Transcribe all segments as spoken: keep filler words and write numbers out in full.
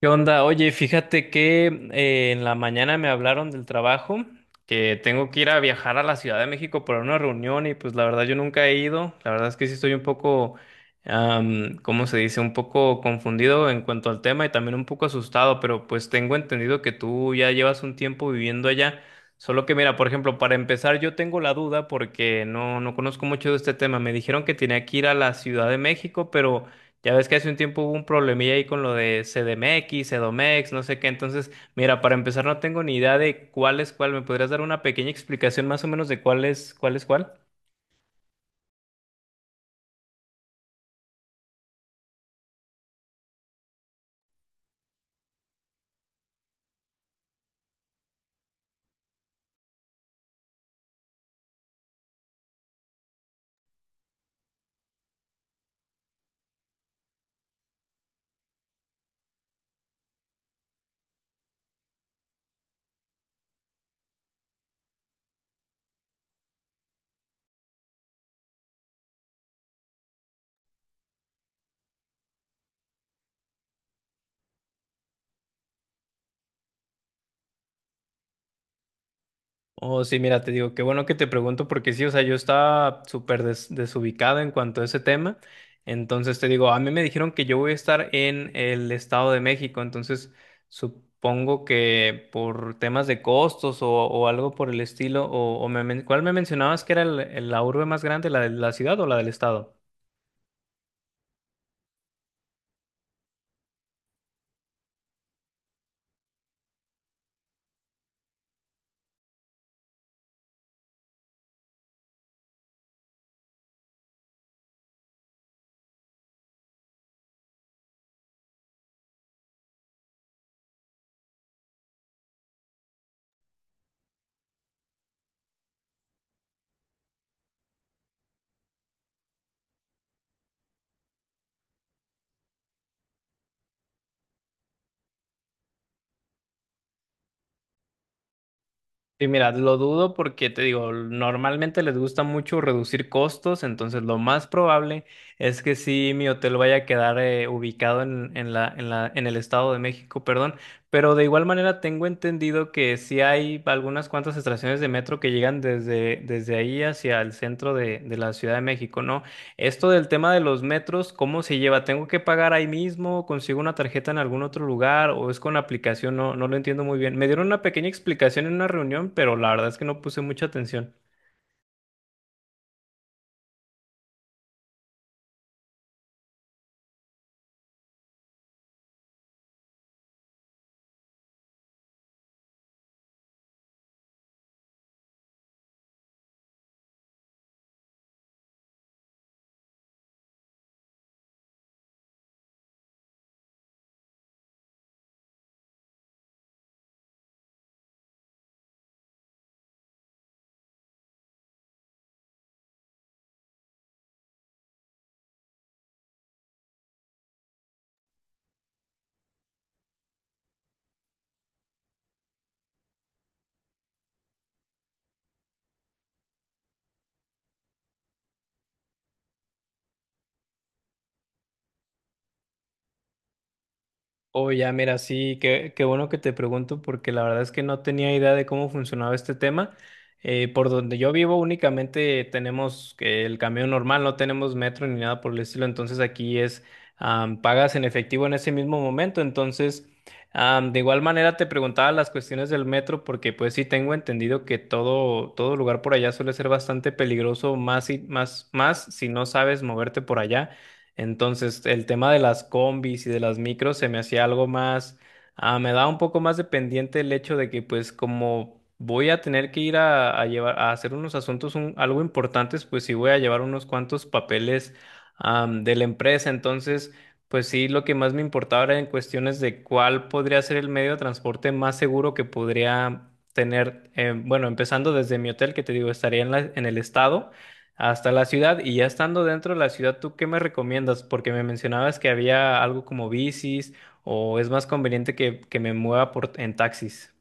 ¿Qué onda? Oye, fíjate que eh, en la mañana me hablaron del trabajo, que tengo que ir a viajar a la Ciudad de México para una reunión y pues la verdad yo nunca he ido. La verdad es que sí estoy un poco, am, ¿cómo se dice? Un poco confundido en cuanto al tema y también un poco asustado, pero pues tengo entendido que tú ya llevas un tiempo viviendo allá. Solo que mira, por ejemplo, para empezar yo tengo la duda porque no, no conozco mucho de este tema. Me dijeron que tenía que ir a la Ciudad de México, pero... Ya ves que hace un tiempo hubo un problemilla ahí con lo de C D M X, CDOMEX, no sé qué. Entonces, mira, para empezar no tengo ni idea de cuál es cuál. ¿Me podrías dar una pequeña explicación más o menos de cuál es cuál es cuál? Oh, sí, mira, te digo, qué bueno que te pregunto porque sí, o sea, yo estaba súper des- desubicado en cuanto a ese tema. Entonces te digo, a mí me dijeron que yo voy a estar en el Estado de México, entonces supongo que por temas de costos o, o algo por el estilo, o, o me men- ¿cuál me mencionabas que era el- el- la urbe más grande, la de la ciudad o la del estado? Y mira, lo dudo porque te digo, normalmente les gusta mucho reducir costos, entonces lo más probable es que sí mi hotel vaya a quedar eh, ubicado en, en la, en la, en el Estado de México, perdón, pero de igual manera tengo entendido que sí hay algunas cuantas estaciones de metro que llegan desde, desde ahí hacia el centro de, de la Ciudad de México, ¿no? Esto del tema de los metros, ¿cómo se lleva? ¿Tengo que pagar ahí mismo? ¿Consigo una tarjeta en algún otro lugar? ¿O es con la aplicación? No, no lo entiendo muy bien. Me dieron una pequeña explicación en una reunión, pero la verdad es que no puse mucha atención. Oh, ya, mira, sí, qué, qué bueno que te pregunto porque la verdad es que no tenía idea de cómo funcionaba este tema. Eh, por donde yo vivo únicamente tenemos que el camión normal, no tenemos metro ni nada por el estilo, entonces aquí es, am, pagas en efectivo en ese mismo momento, entonces, am, de igual manera te preguntaba las cuestiones del metro porque pues sí tengo entendido que todo, todo lugar por allá suele ser bastante peligroso, más, y, más, más si no sabes moverte por allá. Entonces, el tema de las combis y de las micros se me hacía algo más, ah, me da un poco más de pendiente el hecho de que pues como voy a tener que ir a, a llevar, a hacer unos asuntos un- algo importantes, pues sí voy a llevar unos cuantos papeles, am, de la empresa. Entonces, pues sí, lo que más me importaba era en cuestiones de cuál podría ser el medio de transporte más seguro que podría tener, eh, bueno, empezando desde mi hotel, que te digo, estaría en la- en el estado. Hasta la ciudad y ya estando dentro de la ciudad, ¿tú qué me recomiendas? Porque me mencionabas que había algo como bicis o es más conveniente que, que me mueva por, en taxis.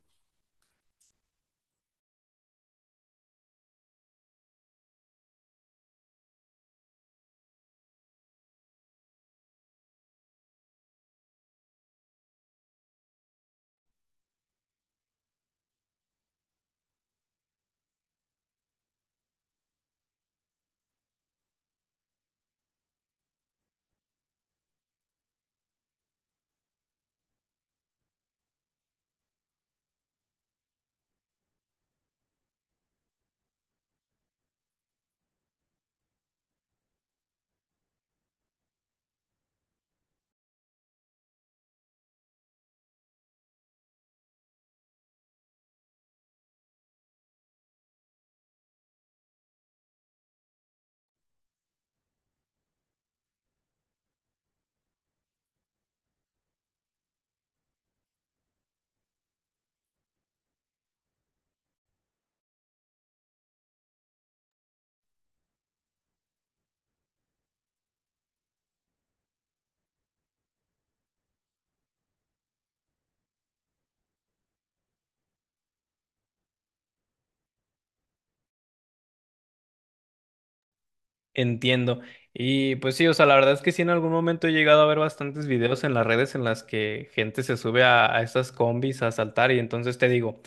Entiendo. Y pues sí, o sea, la verdad es que sí en algún momento he llegado a ver bastantes videos en las redes en las que gente se sube a, a estas combis a saltar y entonces te digo,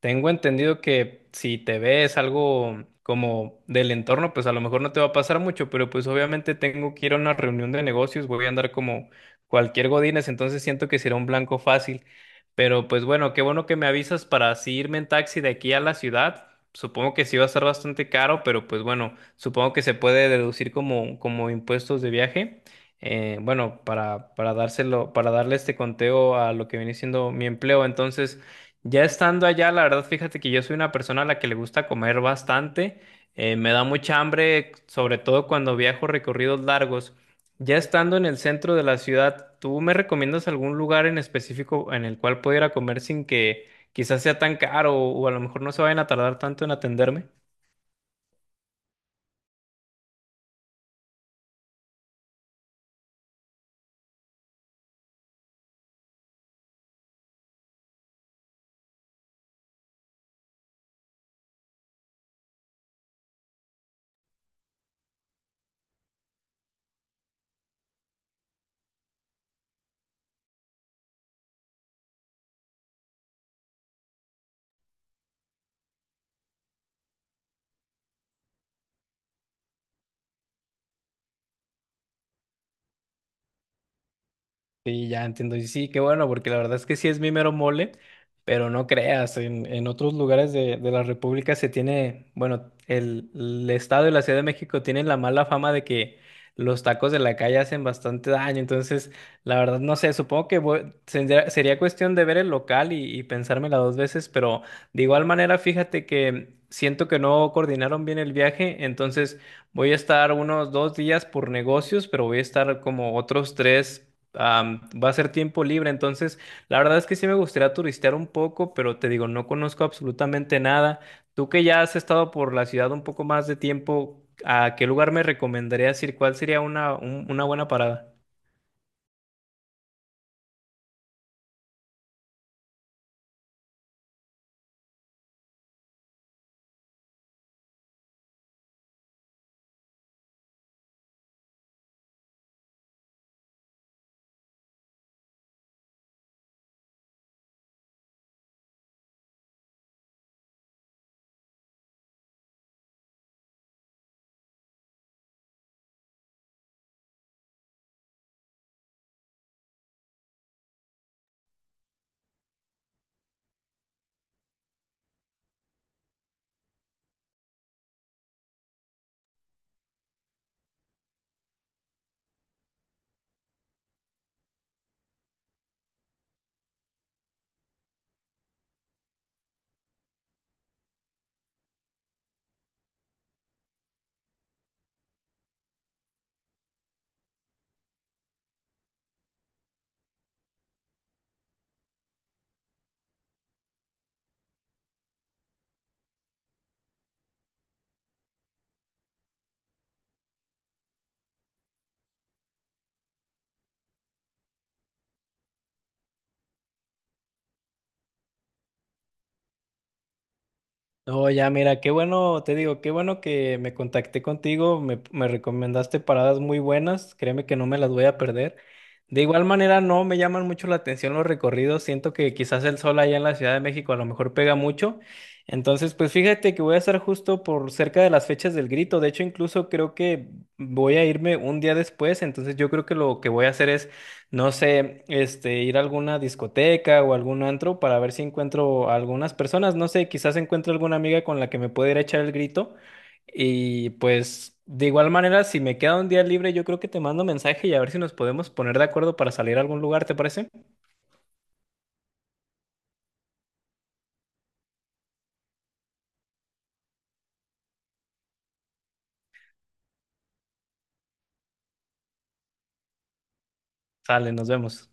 tengo entendido que si te ves algo como del entorno, pues a lo mejor no te va a pasar mucho, pero pues obviamente tengo que ir a una reunión de negocios, voy a andar como cualquier godines, entonces siento que será un blanco fácil. Pero pues bueno, qué bueno que me avisas para así irme en taxi de aquí a la ciudad. Supongo que sí va a estar bastante caro, pero pues bueno, supongo que se puede deducir como, como impuestos de viaje. Eh, bueno, para, para dárselo, para darle este conteo a lo que viene siendo mi empleo. Entonces, ya estando allá, la verdad, fíjate que yo soy una persona a la que le gusta comer bastante. Eh, me da mucha hambre, sobre todo cuando viajo recorridos largos. Ya estando en el centro de la ciudad, ¿tú me recomiendas algún lugar en específico en el cual pudiera comer sin que quizás sea tan caro o a lo mejor no se vayan a tardar tanto en atenderme? Sí, ya entiendo. Y sí, qué bueno, porque la verdad es que sí es mi mero mole, pero no creas, en, en otros lugares de, de la República se tiene, bueno, el, el Estado y la Ciudad de México tienen la mala fama de que los tacos de la calle hacen bastante daño. Entonces, la verdad, no sé, supongo que voy- sendría- sería cuestión de ver el local y, y pensármela dos veces, pero de igual manera, fíjate que siento que no coordinaron bien el viaje, entonces voy a estar unos dos días por negocios, pero voy a estar como otros tres, am, va a ser tiempo libre, entonces la verdad es que sí me gustaría turistear un poco, pero te digo, no conozco absolutamente nada. Tú que ya has estado por la ciudad un poco más de tiempo, ¿a qué lugar me recomendarías ir? ¿Cuál sería una, un- una buena parada? No, ya, mira, qué bueno, te digo, qué bueno que me contacté contigo, me, me recomendaste paradas muy buenas, créeme que no me las voy a perder. De igual manera, no me llaman mucho la atención los recorridos, siento que quizás el sol allá en la Ciudad de México a lo mejor pega mucho. Entonces, pues fíjate que voy a estar justo por cerca de las fechas del grito, de hecho incluso creo que voy a irme un día después, entonces yo creo que lo que voy a hacer es no sé, este, ir a alguna discoteca o algún antro para ver si encuentro a algunas personas. No sé, quizás encuentro alguna amiga con la que me pueda ir a echar el grito. Y pues, de igual manera, si me queda un día libre, yo creo que te mando mensaje y a ver si nos podemos poner de acuerdo para salir a algún lugar, ¿te parece? Sale, nos vemos.